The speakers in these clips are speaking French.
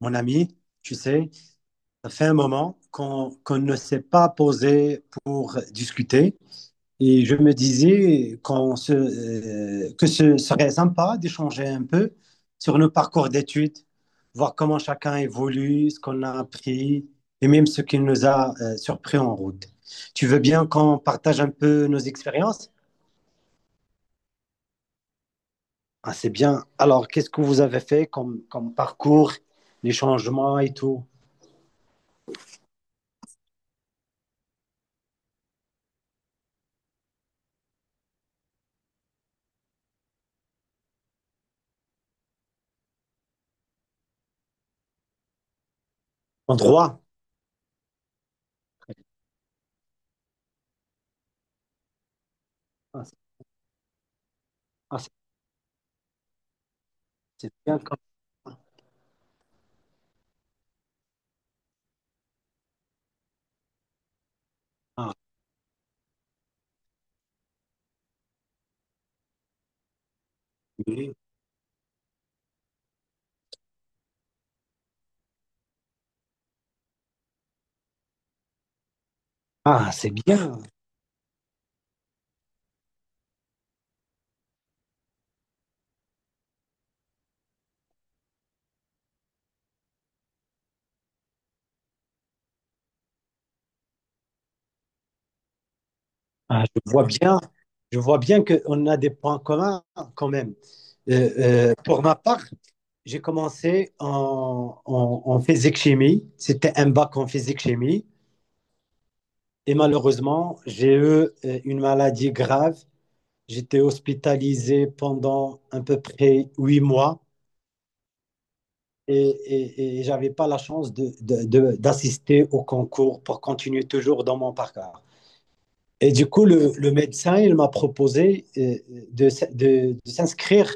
Mon ami, tu sais, ça fait un moment qu'on ne s'est pas posé pour discuter et je me disais que ce serait sympa d'échanger un peu sur nos parcours d'études, voir comment chacun évolue, ce qu'on a appris et même ce qui nous a surpris en route. Tu veux bien qu'on partage un peu nos expériences? Ah, c'est bien. Alors, qu'est-ce que vous avez fait comme, comme parcours, les changements et tout? En droit? Ah, c'est bien comme ça. Oui. Ah, c'est bien. Je vois bien, je vois bien qu'on a des points communs quand même. Pour ma part, j'ai commencé en, en, en physique-chimie. C'était un bac en physique-chimie. Et malheureusement, j'ai eu une maladie grave. J'étais hospitalisé pendant à peu près huit mois et, et j'avais pas la chance de- d'assister au concours pour continuer toujours dans mon parcours. Et du coup, le médecin, il m'a proposé de, de s'inscrire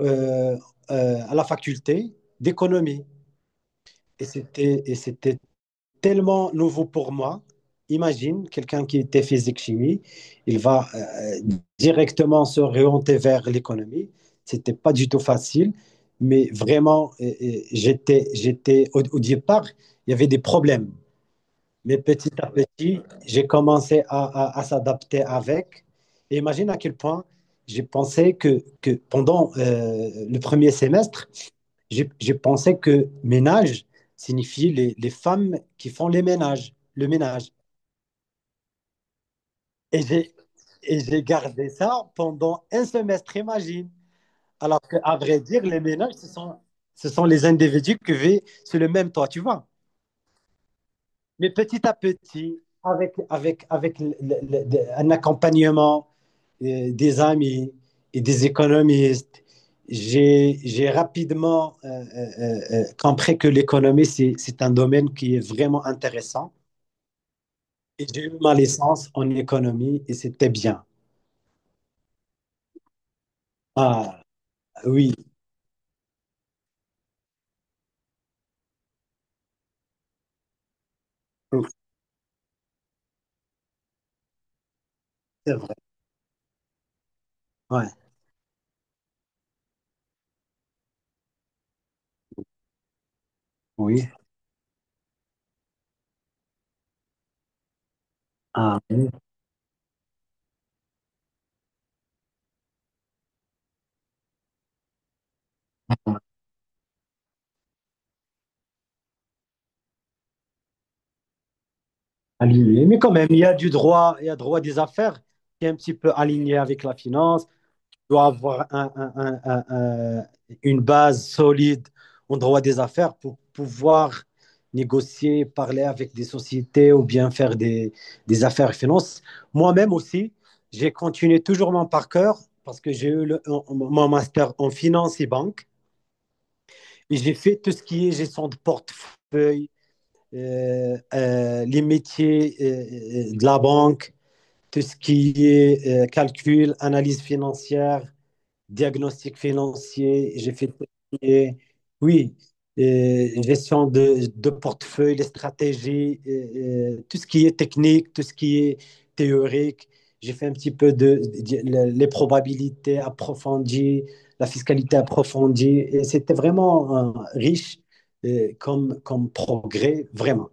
euh, à la faculté d'économie. Et c'était tellement nouveau pour moi. Imagine quelqu'un qui était physique-chimie, il va directement se réorienter vers l'économie. C'était pas du tout facile, mais vraiment, j'étais, j'étais au, au départ, il y avait des problèmes. Mais petit à petit, j'ai commencé à s'adapter avec. Et imagine à quel point j'ai pensé que pendant le premier semestre, j'ai pensé que ménage signifie les femmes qui font les ménages, le ménage. Et j'ai et j'ai gardé ça pendant un semestre, imagine. Alors qu'à vrai dire, les ménages, ce sont les individus qui vivent sur le même toit, tu vois. Mais petit à petit, avec, avec, avec le- un accompagnement, des amis et des économistes. J'ai rapidement compris que l'économie, c'est un domaine qui est vraiment intéressant. Et j'ai eu ma licence en économie et c'était bien. Ah oui, oui, c'est vrai. Ouais, oui. Ah, oui, aligné. Mais quand même, il y a du droit, il y a droit des affaires qui est un petit peu aligné avec la finance, doit avoir un- une base solide en droit des affaires pour pouvoir négocier, parler avec des sociétés ou bien faire des affaires et finances. Moi-même aussi, j'ai continué toujours mon parcours parce que j'ai eu le- mon master en finance et banque et j'ai fait tout ce qui est gestion de portefeuille, les métiers de la banque, tout ce qui est calcul, analyse financière diagnostic financier, j'ai fait tout ce qui est- oui, gestion de portefeuille, les stratégies, tout ce qui est technique, tout ce qui est théorique. J'ai fait un petit peu de- les probabilités approfondies, la fiscalité approfondie. Et c'était vraiment riche comme, comme progrès, vraiment.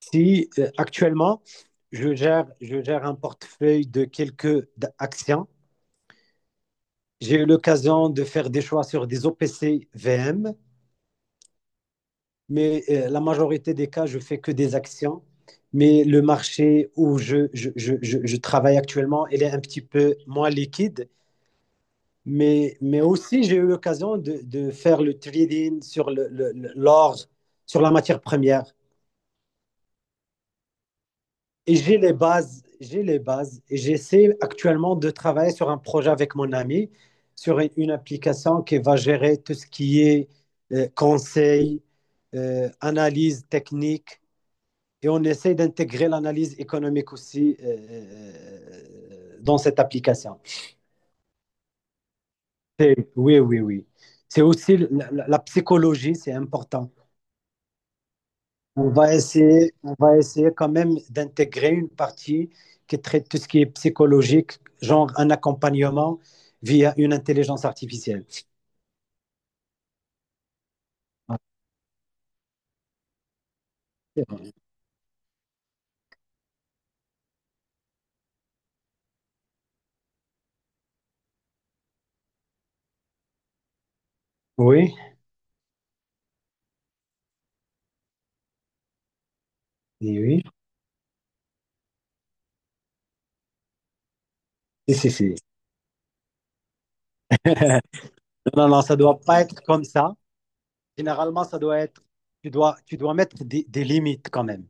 Si actuellement, je gère un portefeuille de quelques d- actions. J'ai eu l'occasion de faire des choix sur des OPC VM, mais la majorité des cas, je fais que des actions. Mais le marché où je travaille actuellement, il est un petit peu moins liquide. Mais aussi, j'ai eu l'occasion de faire le trading sur le- l'or, sur la matière première. Et j'ai les bases, j'ai les bases. Et j'essaie actuellement de travailler sur un projet avec mon ami, sur une application qui va gérer tout ce qui est conseil, analyse technique. Et on essaie d'intégrer l'analyse économique aussi dans cette application. C'est- oui, oui, oui. C'est aussi la, la- la psychologie, c'est important. On va essayer quand même d'intégrer une partie qui traite tout ce qui est psychologique, genre un accompagnement via une intelligence artificielle. Oui, oui, oui. Si, si, si. Non, non, ça ne doit pas être comme ça. Généralement, ça doit être, tu dois mettre des limites quand même.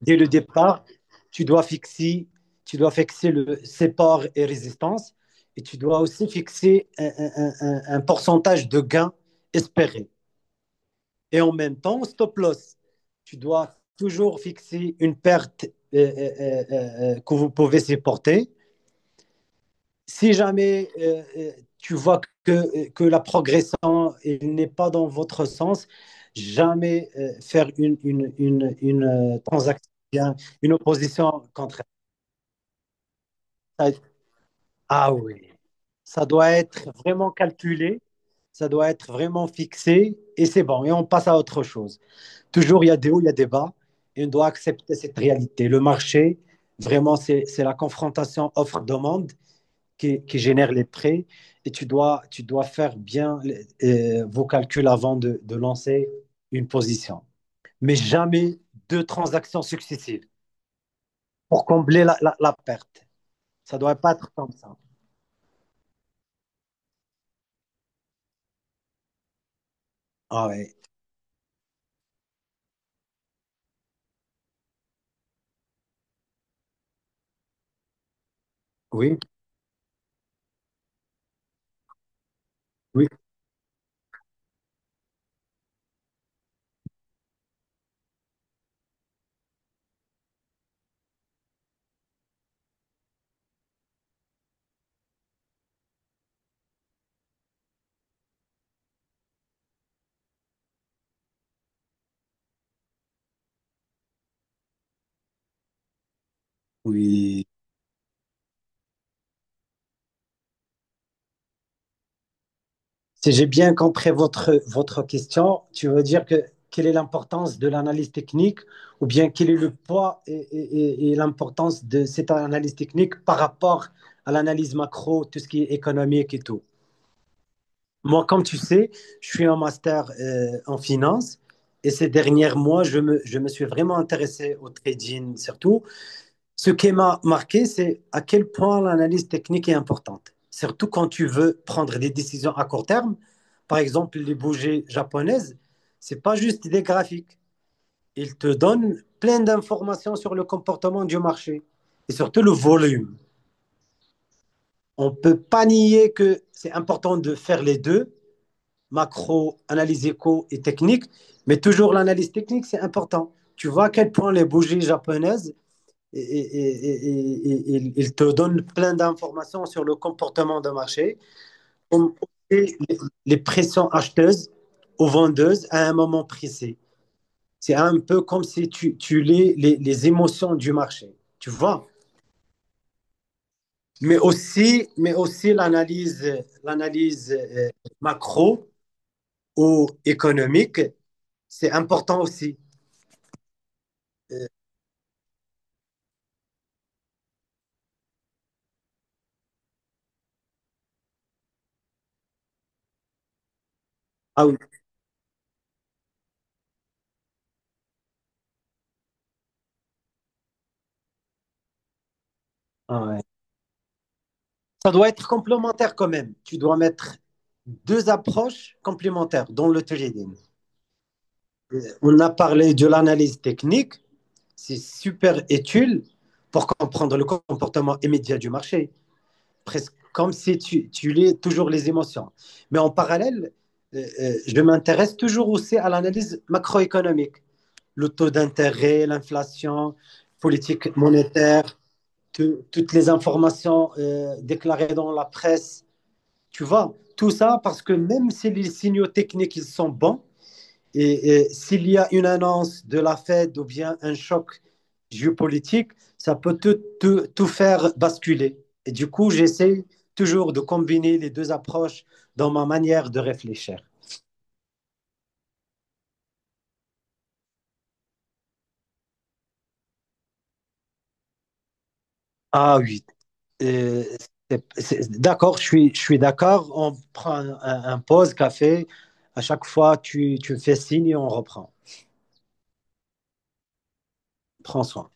Dès le départ, tu dois fixer, tu dois fixer le support et résistance, et tu dois aussi fixer un pourcentage de gain espéré. Et en même temps, stop loss. Tu dois toujours fixer une perte que vous pouvez supporter. Si jamais tu vois que la progression n'est pas dans votre sens, jamais faire une transaction, une opposition contre. Ah oui, ça doit être vraiment calculé, ça doit être vraiment fixé et c'est bon, et on passe à autre chose. Toujours, il y a des hauts, il y a des bas. Et on doit accepter cette réalité. Le marché, vraiment, c'est la confrontation offre-demande qui génère les prix. Et tu dois faire bien vos calculs avant de lancer une position. Mais jamais deux transactions successives pour combler la, la- la perte. Ça ne doit pas être comme ça. Ah ouais. Oui, oui, oui. Si j'ai bien compris votre, votre question, tu veux dire que quelle est l'importance de l'analyse technique ou bien quel est le poids et l'importance de cette analyse technique par rapport à l'analyse macro, tout ce qui est économique et tout. Moi, comme tu sais, je suis en master en finance et ces derniers mois, je me suis vraiment intéressé au trading surtout ce qui m'a marqué, c'est à quel point l'analyse technique est importante, surtout quand tu veux prendre des décisions à court terme. Par exemple, les bougies japonaises, c'est pas juste des graphiques. Ils te donnent plein d'informations sur le comportement du marché et surtout le volume. On ne peut pas nier que c'est important de faire les deux, macro, analyse éco et technique, mais toujours l'analyse technique, c'est important. Tu vois à quel point les bougies japonaises et- il te donne plein d'informations sur le comportement de marché, les, les pressions acheteuses ou vendeuses à un moment précis. C'est un peu comme si tu, tu lis les émotions du marché, tu vois. Mais aussi l'analyse, l'analyse macro ou économique, c'est important aussi. Euh, ah oui, ah ouais. Ça doit être complémentaire quand même. Tu dois mettre deux approches complémentaires dans le trading. On a parlé de l'analyse technique, c'est super utile pour comprendre le comportement immédiat du marché, presque comme si tu, tu lis toujours les émotions. Mais en parallèle, je m'intéresse toujours aussi à l'analyse macroéconomique, le taux d'intérêt, l'inflation, politique monétaire, tout- toutes les informations déclarées dans la presse tu vois, tout ça parce que même si les signaux techniques ils sont bons, et s'il y a une annonce de la Fed ou bien un choc géopolitique, ça peut tout, tout- tout faire basculer. Et du coup, j'essaie toujours de combiner les deux approches dans ma manière de réfléchir. Ah oui, euh, c'est- d'accord, je suis d'accord. On prend un pause café. À chaque fois, tu me fais signe et on reprend. Prends soin.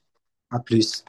À plus.